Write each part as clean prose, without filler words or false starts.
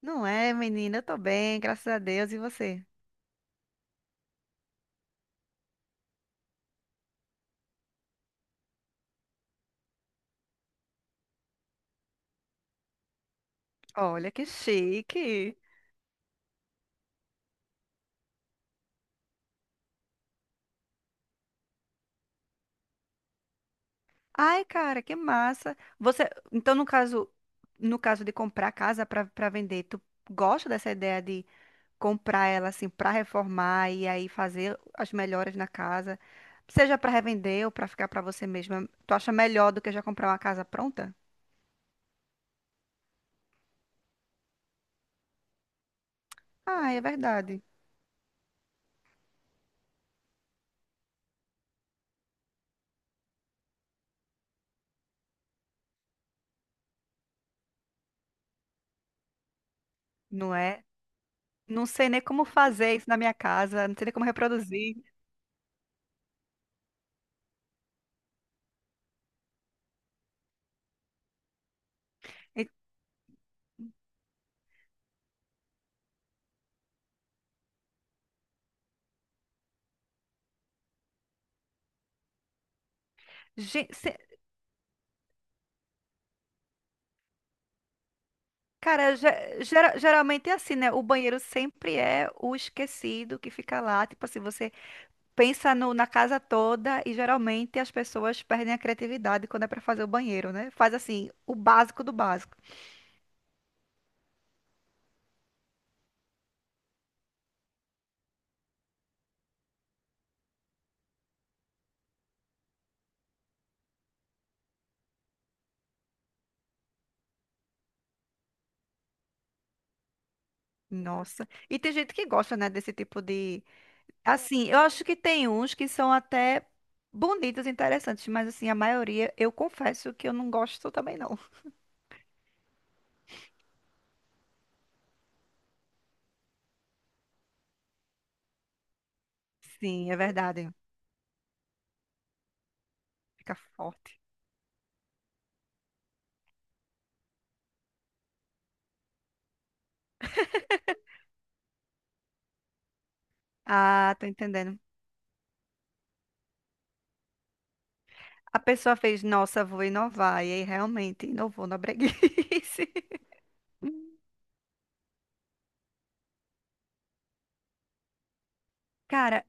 Não é, menina? Eu tô bem, graças a Deus. E você? Olha que chique. Ai, cara, que massa. Você, então, no caso, no caso de comprar casa pra para vender, tu gosta dessa ideia de comprar ela assim pra reformar e aí fazer as melhoras na casa, seja pra revender ou pra ficar pra você mesma? Tu acha melhor do que já comprar uma casa pronta? Ah, é verdade. Não é? Não sei nem como fazer isso na minha casa, não sei nem como reproduzir. E- Gente, cara, geralmente é assim, né? O banheiro sempre é o esquecido que fica lá. Tipo assim, você pensa na casa toda e geralmente as pessoas perdem a criatividade quando é pra fazer o banheiro, né? Faz assim, o básico do básico. Nossa. E tem gente que gosta, né, desse tipo de. Assim, eu acho que tem uns que são até bonitos, interessantes, mas assim, a maioria, eu confesso que eu não gosto também, não. Sim, é verdade. Fica forte. Ah, tô entendendo. A pessoa fez, nossa, vou inovar. E aí realmente inovou na breguice. Cara,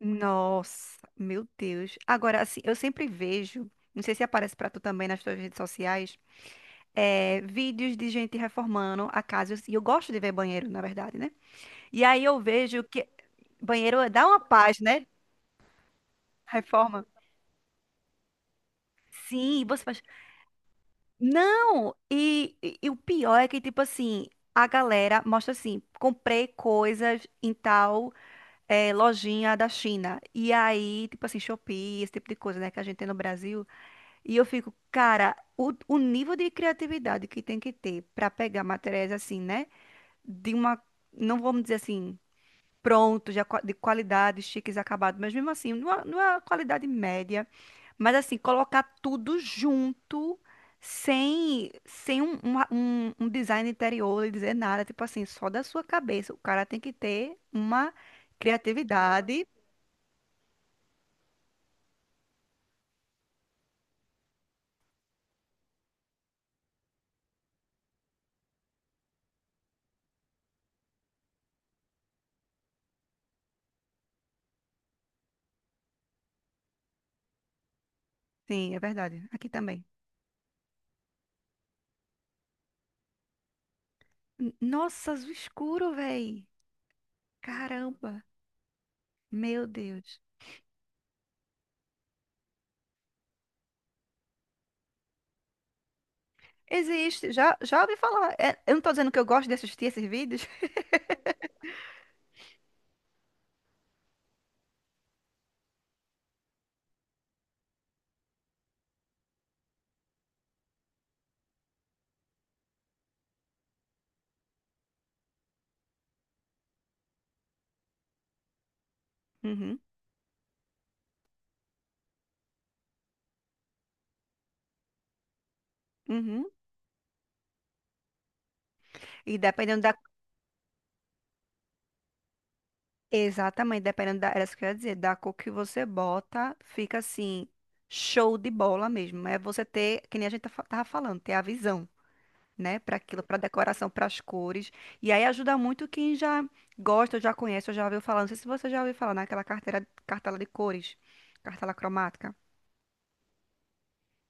nossa, meu Deus. Agora, assim, eu sempre vejo, não sei se aparece pra tu também nas tuas redes sociais, vídeos de gente reformando a casa. E eu gosto de ver banheiro, na verdade, né? E aí eu vejo que banheiro dá uma paz, né? Reforma. Sim, você faz. Não! E o pior é que, tipo assim, a galera mostra assim: comprei coisas em tal. É, lojinha da China. E aí, tipo assim, Shopee, esse tipo de coisa, né, que a gente tem no Brasil. E eu fico, cara, o nível de criatividade que tem que ter para pegar materiais assim, né, de uma, não vamos dizer assim, pronto, de qualidade, chiques, acabado, mas mesmo assim, numa, numa qualidade média, mas assim, colocar tudo junto. Sem um, um, um design interior e dizer nada, tipo assim, só da sua cabeça. O cara tem que ter uma criatividade. Sim, é verdade. Aqui também. Nossa, azul escuro, véi. Caramba. Meu Deus. Existe. Já ouvi falar. É, eu não tô dizendo que eu gosto de assistir esses vídeos. Uhum, uhum. E dependendo da. Exatamente, dependendo da. Era isso que eu ia dizer. Da cor que você bota, fica assim. Show de bola mesmo. É você ter, que nem a gente tava falando, ter a visão. Né, para aquilo, para decoração, para as cores. E aí ajuda muito quem já gosta, já conhece, ou já ouviu falar. Não sei se você já ouviu falar naquela carteira, cartela de cores, cartela cromática.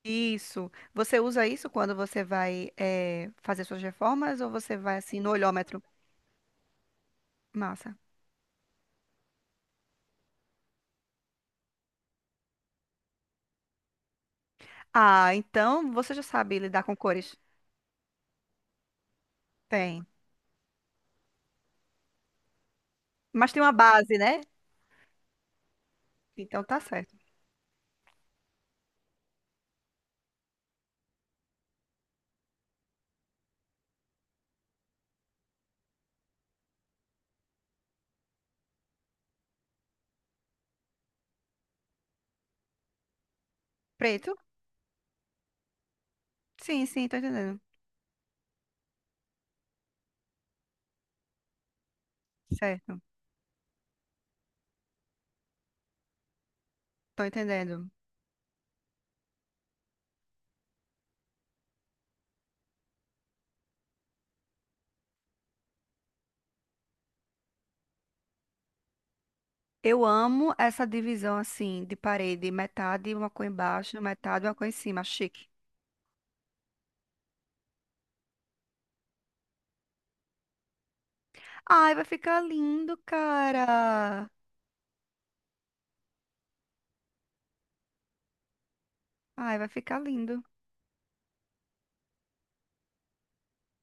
Isso. Você usa isso quando você vai fazer suas reformas ou você vai assim no olhômetro? Massa. Ah, então você já sabe lidar com cores. Tem. Mas tem uma base, né? Então tá certo. Preto? Sim, sim, tô entendendo. Certo. Tô entendendo. Eu amo essa divisão assim de parede, metade uma cor embaixo, metade uma cor em cima, chique. Ai, vai ficar lindo, cara. Ai, vai ficar lindo.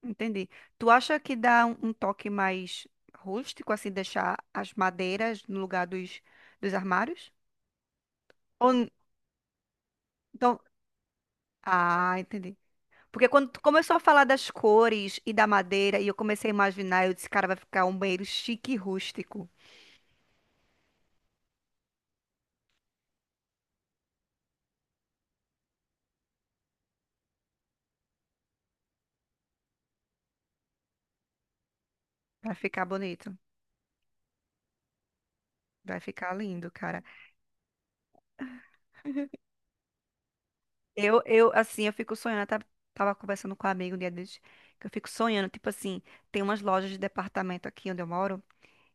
Entendi. Tu acha que dá um, um toque mais rústico, assim, deixar as madeiras no lugar dos, dos armários? Ou, n- então, ah, entendi. Porque quando tu começou a falar das cores e da madeira, e eu comecei a imaginar, eu disse, cara, vai ficar um banheiro chique e rústico. Vai ficar bonito. Vai ficar lindo, cara. Assim, eu fico sonhando. Tava conversando com um amigo um dia desses, que eu fico sonhando. Tipo assim, tem umas lojas de departamento aqui onde eu moro.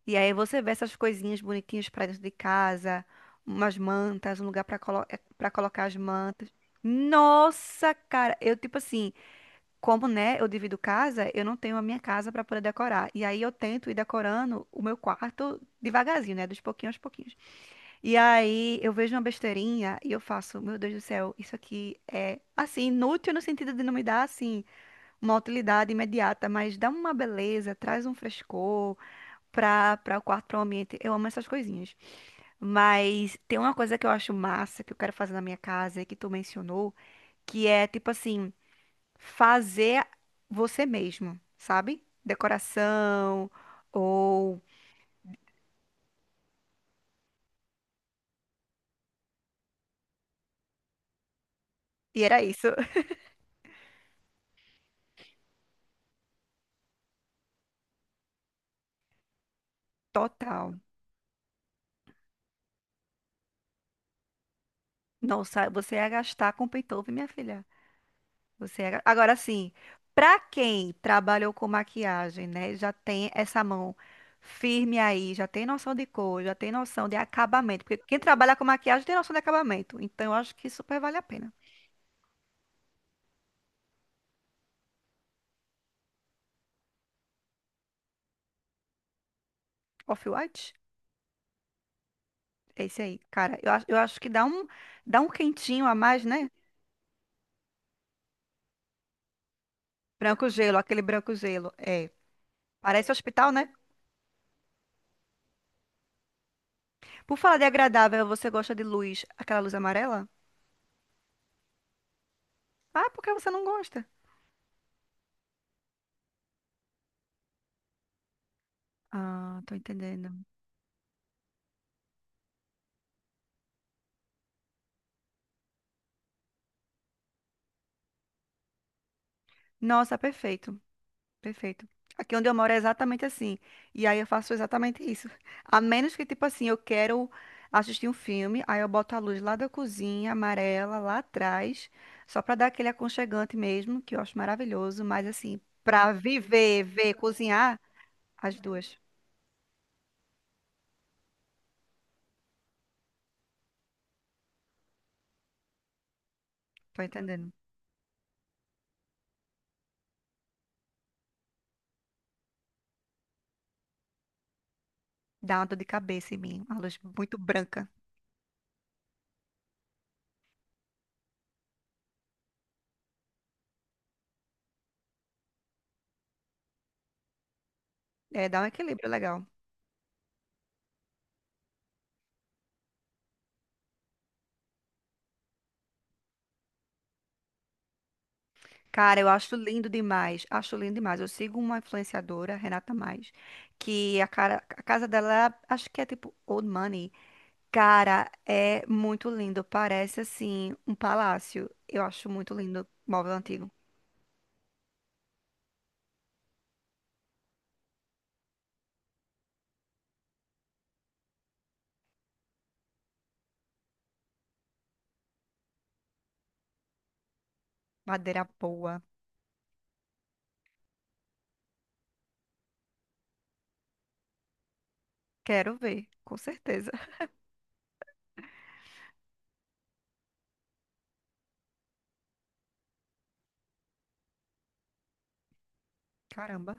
E aí você vê essas coisinhas bonitinhas pra dentro de casa, umas mantas, um lugar pra, pra colocar as mantas. Nossa, cara, eu, tipo assim, como, né, eu divido casa, eu não tenho a minha casa pra poder decorar. E aí eu tento ir decorando o meu quarto devagarzinho, né, dos pouquinhos aos pouquinhos. E aí eu vejo uma besteirinha e eu faço, meu Deus do céu, isso aqui é assim, inútil no sentido de não me dar assim uma utilidade imediata, mas dá uma beleza, traz um frescor para o quarto, para o ambiente. Eu amo essas coisinhas. Mas tem uma coisa que eu acho massa que eu quero fazer na minha casa e que tu mencionou, que é tipo assim, fazer você mesmo, sabe? Decoração ou e era isso. Total. Nossa, você ia gastar com Paytove, minha filha. Agora sim, para quem trabalhou com maquiagem, né, já tem essa mão firme aí, já tem noção de cor, já tem noção de acabamento, porque quem trabalha com maquiagem tem noção de acabamento. Então eu acho que super vale a pena. Off-White, é esse aí, cara. Eu acho que dá um quentinho a mais, né? Branco gelo, aquele branco gelo. É, parece hospital, né? Por falar de agradável, você gosta de luz, aquela luz amarela? Ah, porque você não gosta? Ah, tô entendendo. Nossa, perfeito. Perfeito. Aqui onde eu moro é exatamente assim. E aí eu faço exatamente isso. A menos que, tipo assim, eu quero assistir um filme, aí eu boto a luz lá da cozinha, amarela, lá atrás, só pra dar aquele aconchegante mesmo, que eu acho maravilhoso. Mas assim, pra viver, ver, cozinhar, as duas. Tô entendendo. Dá uma dor de cabeça em mim. Uma luz muito branca. É, dá um equilíbrio legal. Cara, eu acho lindo demais. Acho lindo demais. Eu sigo uma influenciadora, Renata Mais, que a, cara, a casa dela, é, acho que é tipo Old Money. Cara, é muito lindo. Parece assim um palácio. Eu acho muito lindo. Móvel antigo. Madeira boa. Quero ver, com certeza. Caramba.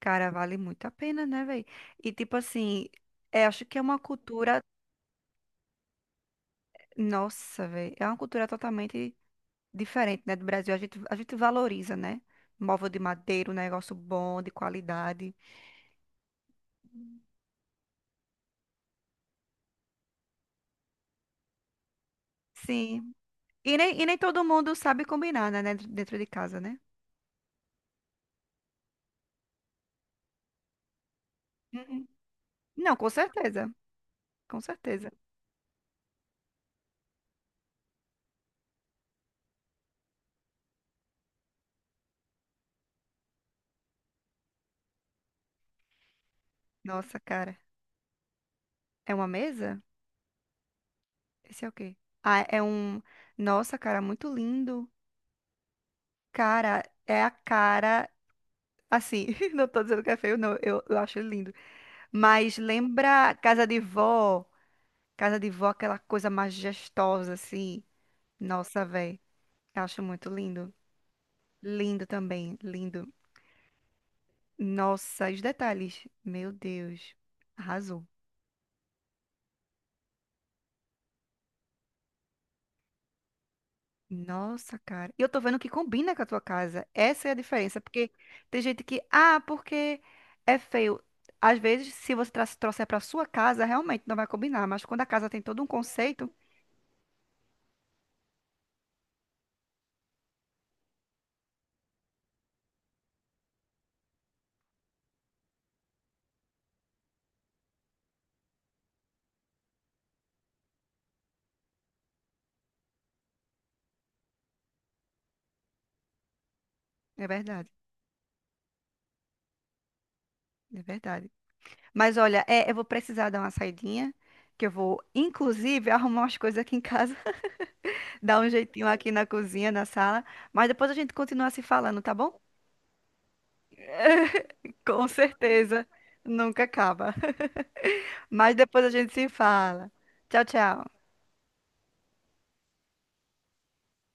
Cara, vale muito a pena, né, velho? E tipo assim, é, acho que é uma cultura. Nossa, velho. É uma cultura totalmente diferente, né, do Brasil. A gente valoriza, né? Móvel de madeira, um negócio bom, de qualidade. Sim. E nem todo mundo sabe combinar, né, dentro de casa, né? Uhum. Não, com certeza. Com certeza. Nossa, cara. É uma mesa? Esse é o quê? Ah, é um. Nossa, cara, muito lindo. Cara, é a cara. Assim, não tô dizendo que é feio, não. Eu acho lindo. Mas lembra casa de vó? Casa de vó, aquela coisa majestosa, assim. Nossa, eu acho muito lindo. Lindo também, lindo. Nossa, os detalhes. Meu Deus. Arrasou. Nossa, cara. E eu tô vendo que combina com a tua casa. Essa é a diferença. Porque tem gente que, ah, porque é feio. Às vezes, se você trouxer pra sua casa, realmente não vai combinar. Mas quando a casa tem todo um conceito, é verdade. É verdade. Mas olha, é, eu vou precisar dar uma saidinha. Que eu vou, inclusive, arrumar umas coisas aqui em casa. Dá um jeitinho aqui na cozinha, na sala. Mas depois a gente continua se falando, tá bom? Com certeza. Nunca acaba. Mas depois a gente se fala. Tchau, tchau.